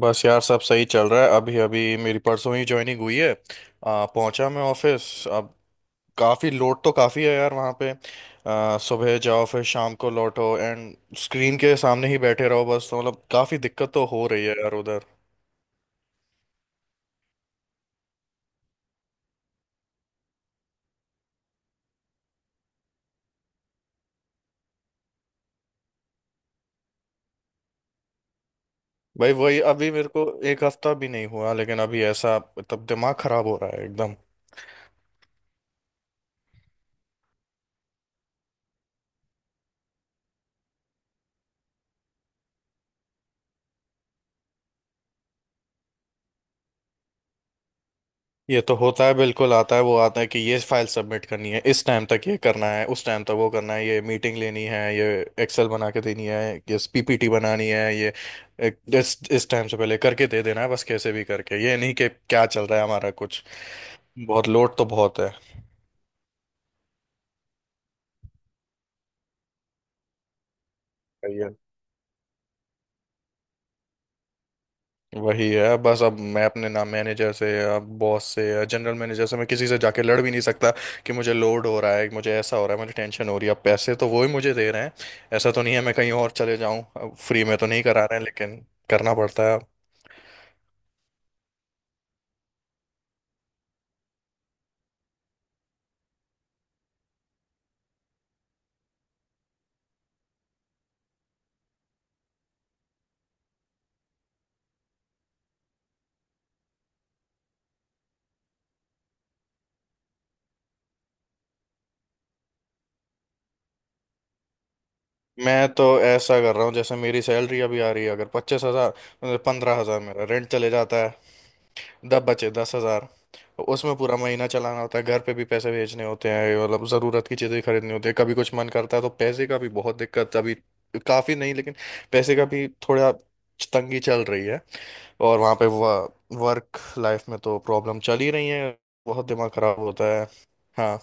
बस यार सब सही चल रहा है अभी अभी मेरी परसों ही ज्वाइनिंग हुई है। पहुंचा मैं ऑफिस अब। काफ़ी लोड तो काफ़ी है यार वहाँ पे। सुबह जाओ फिर शाम को लौटो एंड स्क्रीन के सामने ही बैठे रहो बस, तो मतलब काफ़ी दिक्कत तो हो रही है यार उधर। भाई वही अभी मेरे को एक हफ्ता भी नहीं हुआ, लेकिन अभी ऐसा तब दिमाग खराब हो रहा है एकदम। ये तो होता है, बिल्कुल आता है, वो आता है कि ये फाइल सबमिट करनी है इस टाइम तक, ये करना है उस टाइम तक, वो करना है, ये मीटिंग लेनी है, ये एक्सेल बना के देनी है, ये पीपीटी बनानी है, ये इस टाइम से पहले करके दे देना है बस, कैसे भी करके। ये नहीं कि क्या चल रहा है हमारा कुछ। बहुत लोड तो बहुत है। वही है बस। अब मैं अपने ना मैनेजर से या बॉस से या जनरल मैनेजर से मैं किसी से जाके लड़ भी नहीं सकता कि मुझे लोड हो रहा है, मुझे ऐसा हो रहा है, मुझे टेंशन हो रही है। अब पैसे तो वो ही मुझे दे रहे हैं, ऐसा तो नहीं है मैं कहीं और चले जाऊं। अब फ्री में तो नहीं करा रहे हैं, लेकिन करना पड़ता है अब। मैं तो ऐसा कर रहा हूँ जैसे मेरी सैलरी अभी आ रही है, अगर 25 हजार, 15 हजार मेरा रेंट चले जाता है, दब बचे 10 हजार। उसमें पूरा महीना चलाना होता है, घर पे भी पैसे भेजने होते हैं, मतलब ज़रूरत की चीज़ें खरीदनी होती है, कभी कुछ मन करता है तो पैसे का भी बहुत दिक्कत अभी। काफ़ी नहीं, लेकिन पैसे का भी थोड़ा तंगी चल रही है। और वहाँ पे वर्क लाइफ में तो प्रॉब्लम चल ही रही है। बहुत दिमाग ख़राब होता है। हाँ।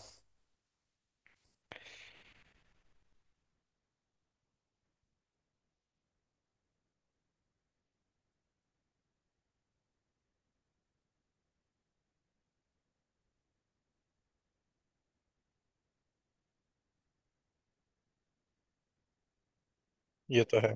ये तो है।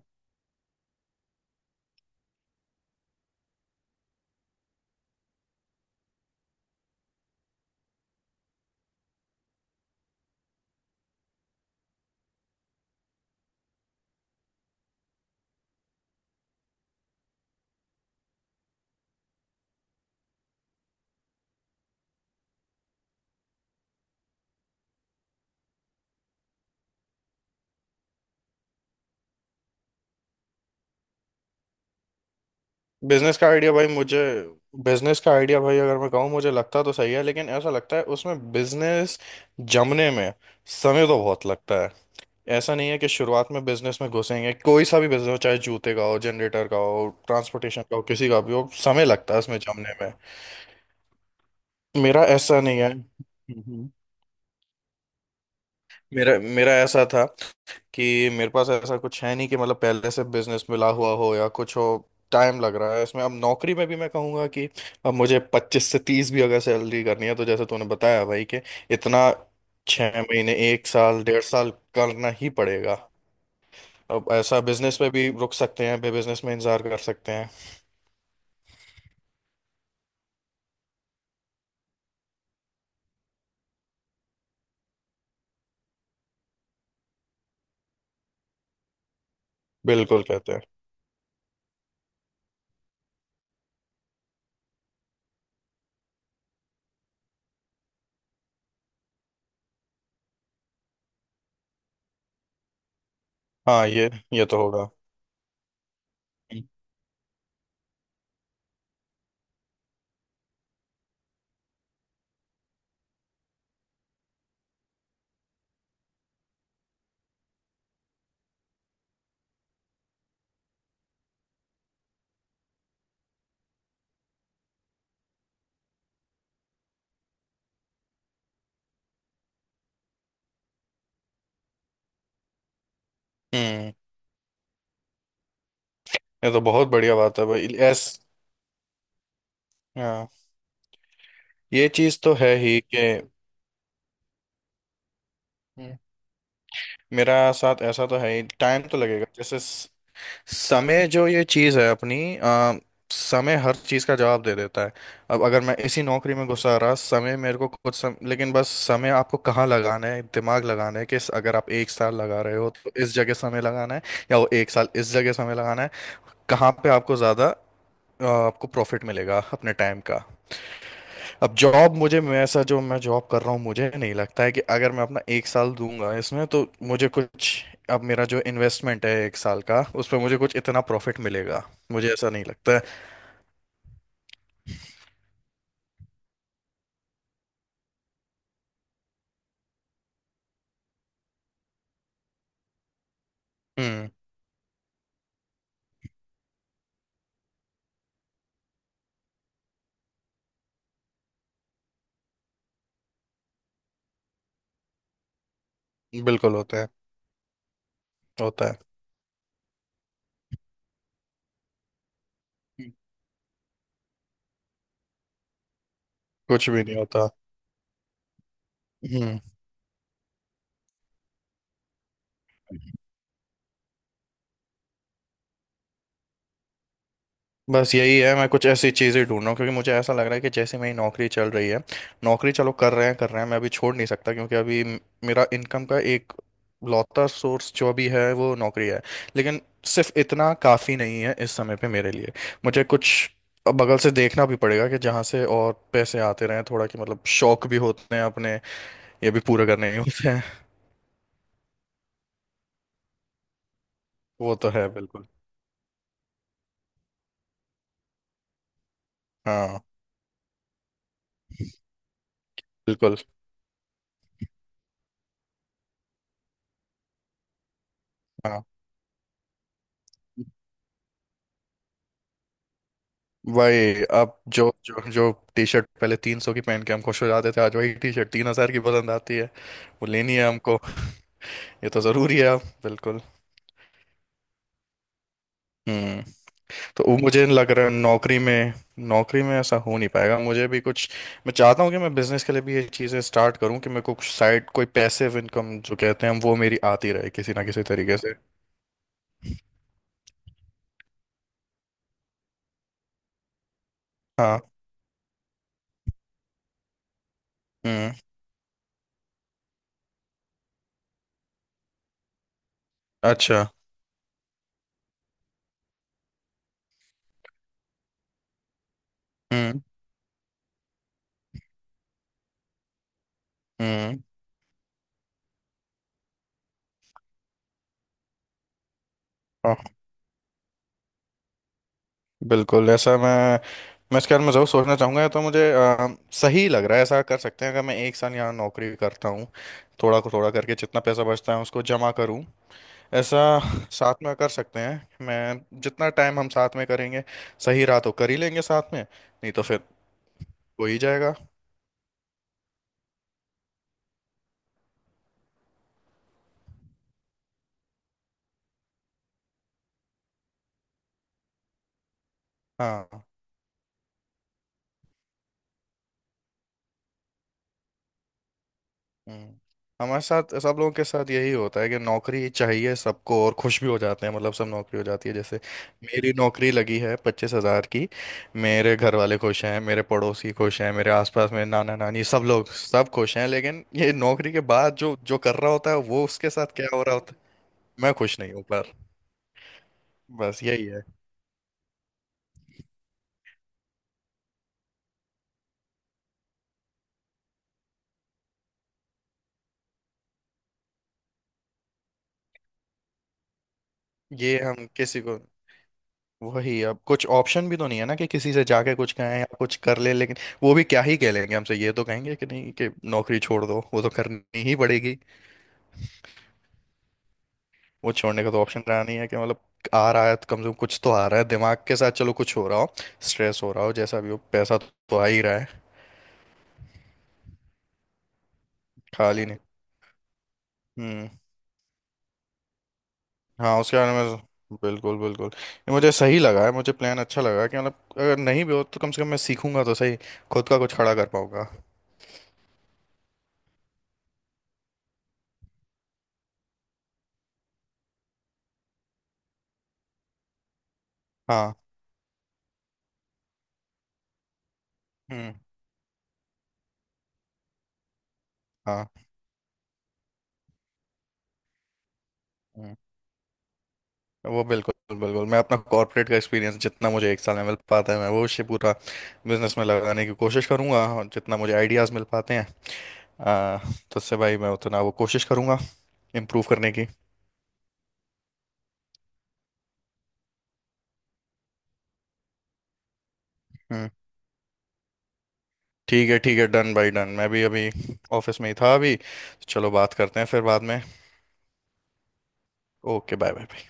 बिजनेस का आइडिया भाई मुझे, बिजनेस का आइडिया भाई अगर मैं कहूँ मुझे लगता तो सही है, लेकिन ऐसा लगता है उसमें बिजनेस जमने में समय तो बहुत लगता है। ऐसा नहीं है कि शुरुआत में बिजनेस में घुसेंगे। कोई सा भी बिजनेस हो, चाहे जूते का हो, जनरेटर का हो, ट्रांसपोर्टेशन का हो, किसी का भी हो, समय लगता है उसमें जमने में। मेरा ऐसा नहीं है। हम्म। मेरा मेरा ऐसा था कि मेरे पास ऐसा कुछ है नहीं कि मतलब पहले से बिजनेस मिला हुआ हो या कुछ हो। टाइम लग रहा है इसमें। अब नौकरी में भी मैं कहूँगा कि अब मुझे 25 से 30 भी अगर सैलरी करनी है तो जैसे तूने बताया भाई कि इतना 6 महीने, एक साल, 1.5 साल करना ही पड़ेगा। अब ऐसा बिजनेस में भी रुक सकते हैं, बिजनेस में इंतजार कर सकते हैं। बिल्कुल कहते हैं। हाँ, ये तो होगा। हम्म। ये तो बहुत बढ़िया बात है भाई, एस। हाँ, ये चीज तो है ही कि मेरा साथ ऐसा तो है ही, टाइम तो लगेगा जैसे समय। जो ये चीज है अपनी, समय हर चीज का जवाब दे देता है। अब अगर मैं इसी नौकरी में घुसा रहा समय मेरे को कुछ, लेकिन बस समय आपको कहाँ लगाना है, दिमाग लगाना है कि अगर आप एक साल लगा रहे हो तो इस जगह समय लगाना है, या वो एक साल इस जगह समय लगाना है। कहाँ पे आपको ज्यादा, आपको प्रॉफिट मिलेगा अपने टाइम का। अब जॉब मुझे, मैं ऐसा जो मैं जॉब कर रहा हूँ मुझे नहीं लगता है कि अगर मैं अपना एक साल दूंगा इसमें तो मुझे कुछ। अब मेरा जो इन्वेस्टमेंट है एक साल का उस पर मुझे कुछ इतना प्रॉफिट मिलेगा, मुझे ऐसा नहीं लगता है। हम्म। बिल्कुल होता है। होता है। कुछ भी नहीं होता। हम्म। बस यही है, मैं कुछ ऐसी चीज़ें ढूंढ रहा हूँ क्योंकि मुझे ऐसा लग रहा है कि जैसे मेरी नौकरी चल रही है, नौकरी चलो कर रहे हैं, कर रहे हैं। मैं अभी छोड़ नहीं सकता क्योंकि अभी मेरा इनकम का एक लौता सोर्स जो भी है वो नौकरी है, लेकिन सिर्फ इतना काफ़ी नहीं है इस समय पे मेरे लिए। मुझे कुछ बगल से देखना भी पड़ेगा कि जहाँ से और पैसे आते रहें थोड़ा, कि मतलब शौक भी होते हैं अपने, ये भी पूरे करने ही होते हैं। वो तो है बिल्कुल। हाँ। बिल्कुल। हाँ, वही। अब जो जो जो टी शर्ट पहले 300 की पहन के हम खुश हो जाते थे, आज वही टी शर्ट 3 हजार की पसंद आती है। वो लेनी है हमको ये तो जरूरी है अब बिल्कुल। हम्म। तो वो मुझे लग रहा है नौकरी में ऐसा हो नहीं पाएगा मुझे भी कुछ। मैं चाहता हूँ कि मैं बिजनेस के लिए भी ये चीज़ें स्टार्ट करूँ कि मेरे को कुछ साइड कोई पैसिव इनकम जो कहते हैं हम, वो मेरी आती रहे किसी ना किसी तरीके से। हाँ। हम्म। अच्छा। हम्म। हम्म। बिल्कुल ऐसा, मैं इस ख्याल में ज़रूर सोचना चाहूँगा। तो मुझे, सही लग रहा है ऐसा कर सकते हैं। अगर मैं एक साल यहाँ नौकरी करता हूँ, थोड़ा को थोड़ा करके जितना पैसा बचता है उसको जमा करूँ, ऐसा साथ में कर सकते हैं। मैं जितना टाइम हम साथ में करेंगे सही रहा तो कर ही लेंगे साथ में, नहीं तो फिर हो ही जाएगा। हाँ। हम्म। हमारे साथ सब लोगों के साथ यही होता है कि नौकरी चाहिए सबको, और खुश भी हो जाते हैं, मतलब सब नौकरी हो जाती है जैसे मेरी नौकरी लगी है 25 हजार की। मेरे घर वाले खुश हैं, मेरे पड़ोसी खुश हैं, मेरे आसपास मेरे नाना नानी सब लोग सब खुश हैं, लेकिन ये नौकरी के बाद जो जो कर रहा होता है वो उसके साथ क्या हो रहा होता है। मैं खुश नहीं हूँ, पर बस यही है। ये हम किसी को, वही अब कुछ ऑप्शन भी तो नहीं है ना कि किसी से जाके कुछ कहें या कुछ कर ले, लेकिन वो भी क्या ही कह लेंगे हमसे, ये तो कहेंगे कि नहीं कि नौकरी छोड़ दो, वो तो करनी ही पड़ेगी। वो छोड़ने का तो ऑप्शन रहा नहीं है कि मतलब आ रहा है तो कम से कम कुछ तो आ रहा है, दिमाग के साथ चलो कुछ हो रहा हो, स्ट्रेस हो रहा हो, जैसा भी हो पैसा तो आ ही रहा है। खाली नहीं। हम्म। हाँ, उसके बारे में तो बिल्कुल बिल्कुल ये मुझे सही लगा है, मुझे प्लान अच्छा लगा कि मतलब अगर नहीं भी हो तो कम से कम मैं सीखूंगा तो सही, खुद का कुछ खड़ा कर पाऊंगा। हाँ। हम्म। हाँ। हम्म। वो बिल्कुल बिल्कुल मैं अपना कॉर्पोरेट का एक्सपीरियंस जितना मुझे एक साल में मिल पाता है मैं वो उसे पूरा बिजनेस में लगाने की कोशिश करूंगा, और जितना मुझे आइडियाज़ मिल पाते हैं, आ, तो उससे भाई मैं उतना वो कोशिश करूंगा इम्प्रूव करने की। हम्म। ठीक है। ठीक है। डन भाई डन। मैं भी अभी ऑफिस में ही था, अभी तो चलो बात करते हैं फिर बाद में। Okay bye bye.